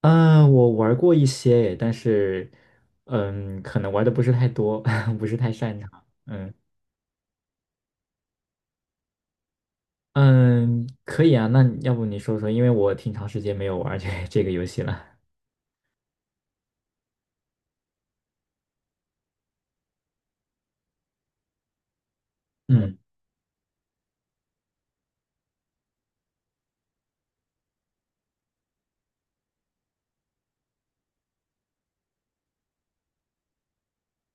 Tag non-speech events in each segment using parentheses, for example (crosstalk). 嗯，我玩过一些，但是，可能玩的不是太多，(laughs) 不是太擅长。嗯嗯，可以啊，那你要不你说说，因为我挺长时间没有玩(laughs) 这个游戏了。嗯，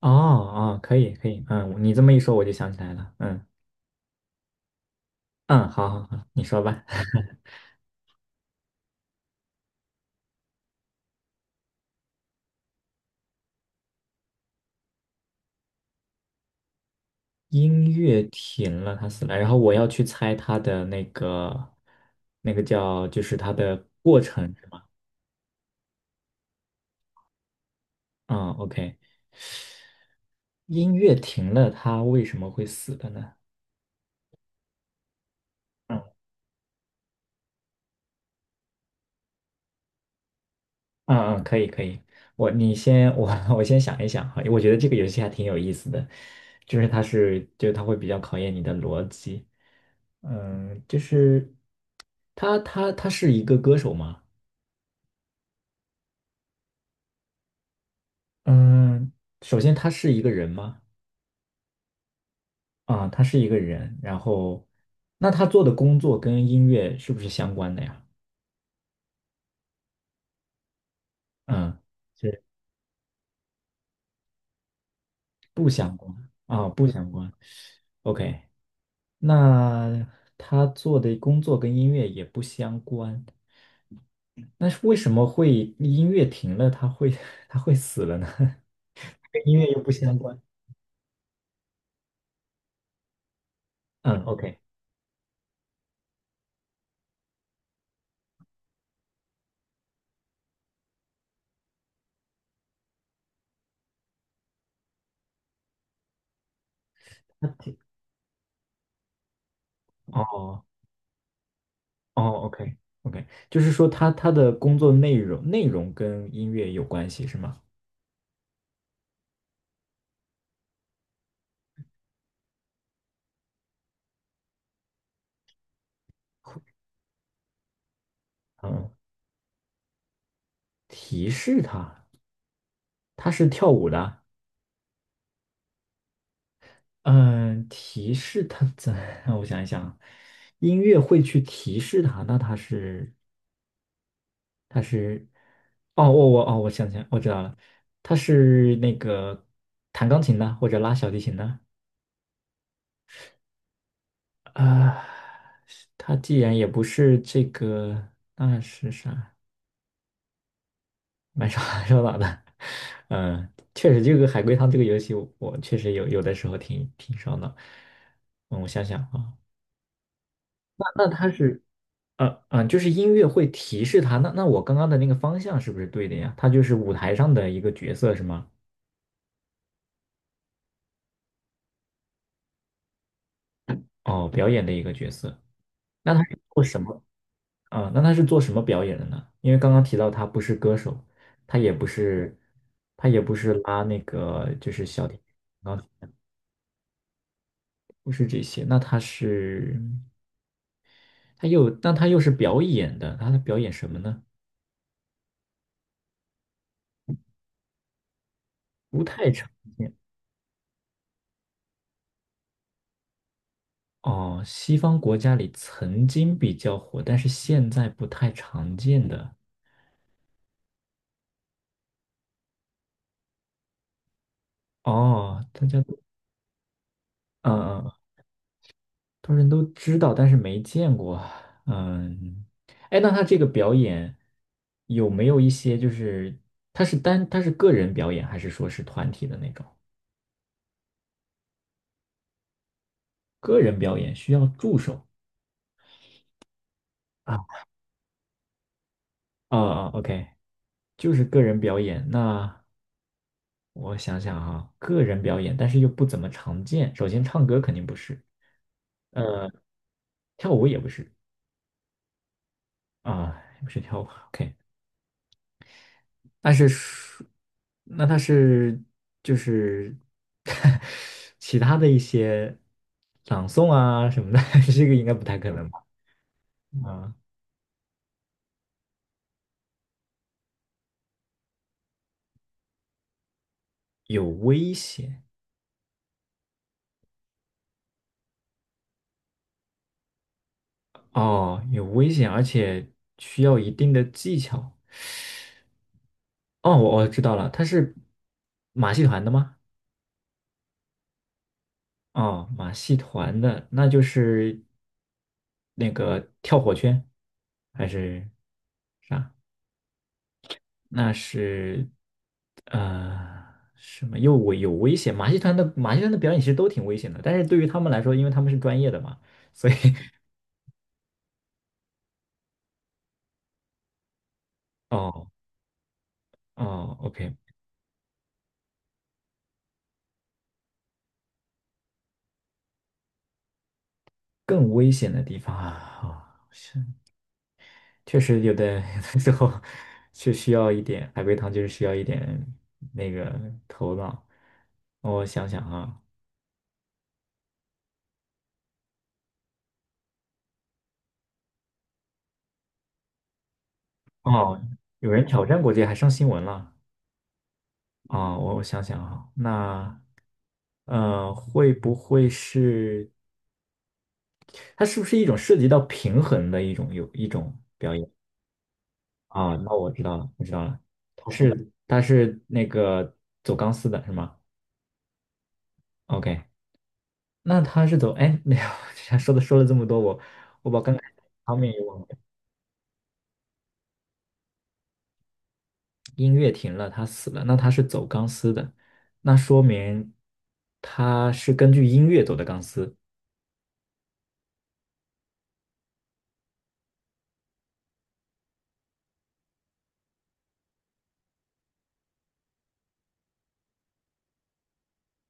哦哦，可以可以，你这么一说，我就想起来了。嗯嗯，好好好，你说吧。(laughs) 音乐停了，他死了，然后我要去猜他的那个就是他的过程是吗？嗯，OK，音乐停了，他为什么会死的呢？嗯。嗯嗯，可以可以，我你先我 (laughs) 我先想一想哈。我觉得这个游戏还挺有意思的，就是它是就它会比较考验你的逻辑。就是他是一个歌手吗？嗯，首先他是一个人吗？啊、他是一个人，然后那他做的工作跟音乐是不是相关的呀？嗯，是不相关啊、不相关。OK，那他做的工作跟音乐也不相关。那是为什么会音乐停了，它会 (laughs) 它会死了呢？(laughs) 跟音乐又不相关。嗯，OK，哦哦，OK OK，就是说他的工作内容跟音乐有关系是吗？嗯，提示他。他是跳舞的？嗯，提示他(laughs) 让我想一想。音乐会去提示他，那他是哦，我想起来我知道了，他是那个弹钢琴的或者拉小提琴的。啊，他既然也不是这个，那是啥？蛮 (laughs) 手脑的。嗯，确实，这个海龟汤这个游戏我确实有的时候挺烧脑。嗯，我想想啊，那他是，就是音乐会提示他。那我刚刚的那个方向是不是对的呀？他就是舞台上的一个角色是吗？哦，表演的一个角色。那他是做什么？啊，那他是做什么表演的呢？因为刚刚提到他不是歌手，他也不是，他也不是拉那个就是小提琴。然后不是这些，那他是他又那他又是表演的，他在表演什么呢？不太常哦，西方国家里曾经比较火，但是现在不太常见的。哦，大家都嗯嗯嗯多人都知道，但是没见过。嗯，哎，那他这个表演有没有一些就是他是个人表演，还是说是团体的那种？个人表演需要助手。啊啊啊！OK，就是个人表演。那我想想哈，个人表演，但是又不怎么常见。首先，唱歌肯定不是，呃，跳舞也不是。啊，也不是跳舞。OK，但是说那他是就是 (laughs) 其他的一些朗诵啊什么的，(laughs) 这个应该不太可能吧？啊，有危险。哦，有危险，而且需要一定的技巧。哦，我知道了，他是马戏团的吗？哦，马戏团的，那就是那个跳火圈还是啥？那是呃什么又有危险？马戏团的表演其实都挺危险的，但是对于他们来说，因为他们是专业的嘛，所以 (laughs) 哦哦，OK，更危险的地方啊，哦是确实(laughs) 有的时候是需要一点海龟汤，就是需要一点那个头脑。哦，我想想啊。哦，有人挑战过这个还上新闻了。啊、我想想啊，那会不会是？它是不是一种涉及到平衡的有一种表演啊？那我知道了，我知道了，它是那个走钢丝的是吗？OK，那他是走哎，没有。(laughs) 说了这么多，我把刚才方面也忘了。音乐停了，他死了，那他是走钢丝的，那说明他是根据音乐走的钢丝。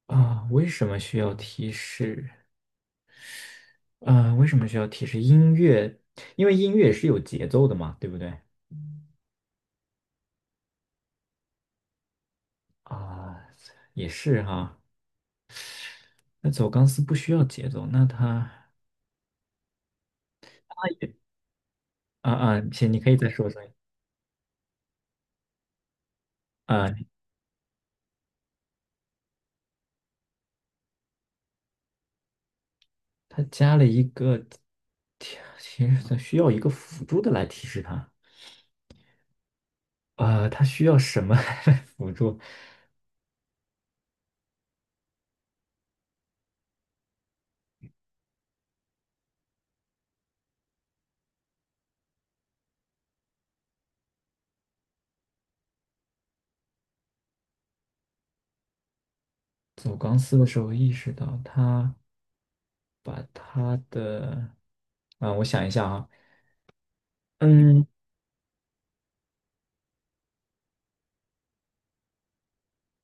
啊？为什么需要提示？啊？为什么需要提示音乐？因为音乐是有节奏的嘛，对不对？啊，也是哈。那走钢丝不需要节奏，那它啊啊，行，你可以再说说啊。它加了一个其实它需要一个辅助的来提示它。啊，它需要什么 (laughs) 来辅助？走钢丝的时候意识到它把它的啊，我想一下啊，嗯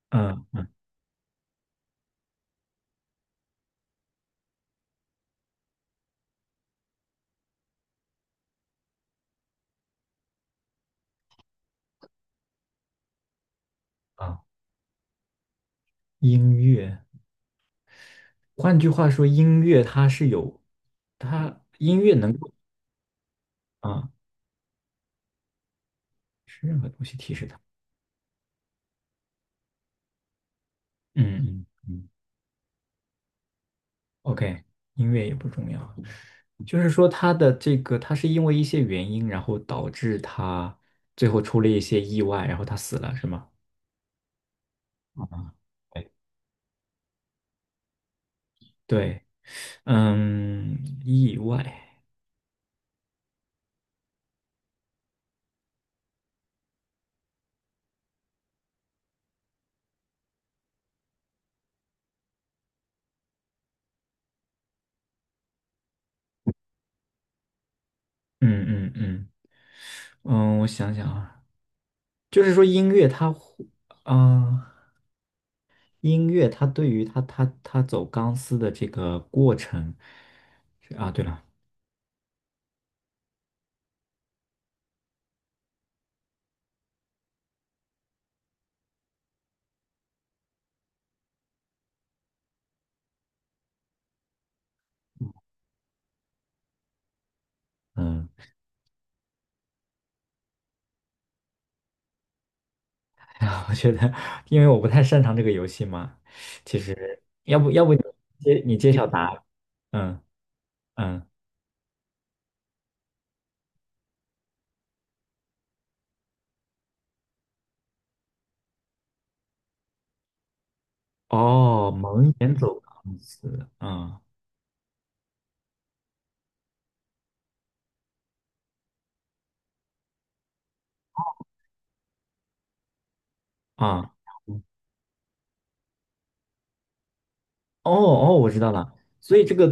嗯啊，音乐。换句话说，音乐它是有它音乐能够啊，是任何东西提示它。嗯嗯嗯，OK，音乐也不重要，就是说他的这个，他是因为一些原因，然后导致他最后出了一些意外，然后他死了，是吗？啊，对，对，嗯，意外。嗯嗯嗯我想想啊，就是说音乐它会，啊、音乐它对于他走钢丝的这个过程。啊，对了。嗯。(laughs) 我觉得，因为我不太擅长这个游戏嘛，其实要不你揭晓答案？嗯嗯。哦，蒙眼走钢丝，嗯啊，嗯哦哦，我知道了。所以这个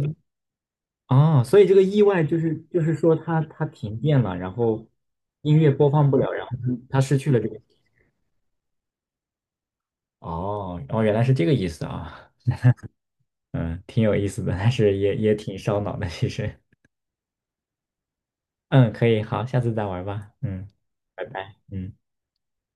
啊，所以这个意外就是说它停电了，然后音乐播放不了，然后它失去了这个。哦哦，原来是这个意思啊。嗯，挺有意思的，但是也挺烧脑的，其实。嗯，可以，好，下次再玩吧，嗯，拜拜，嗯。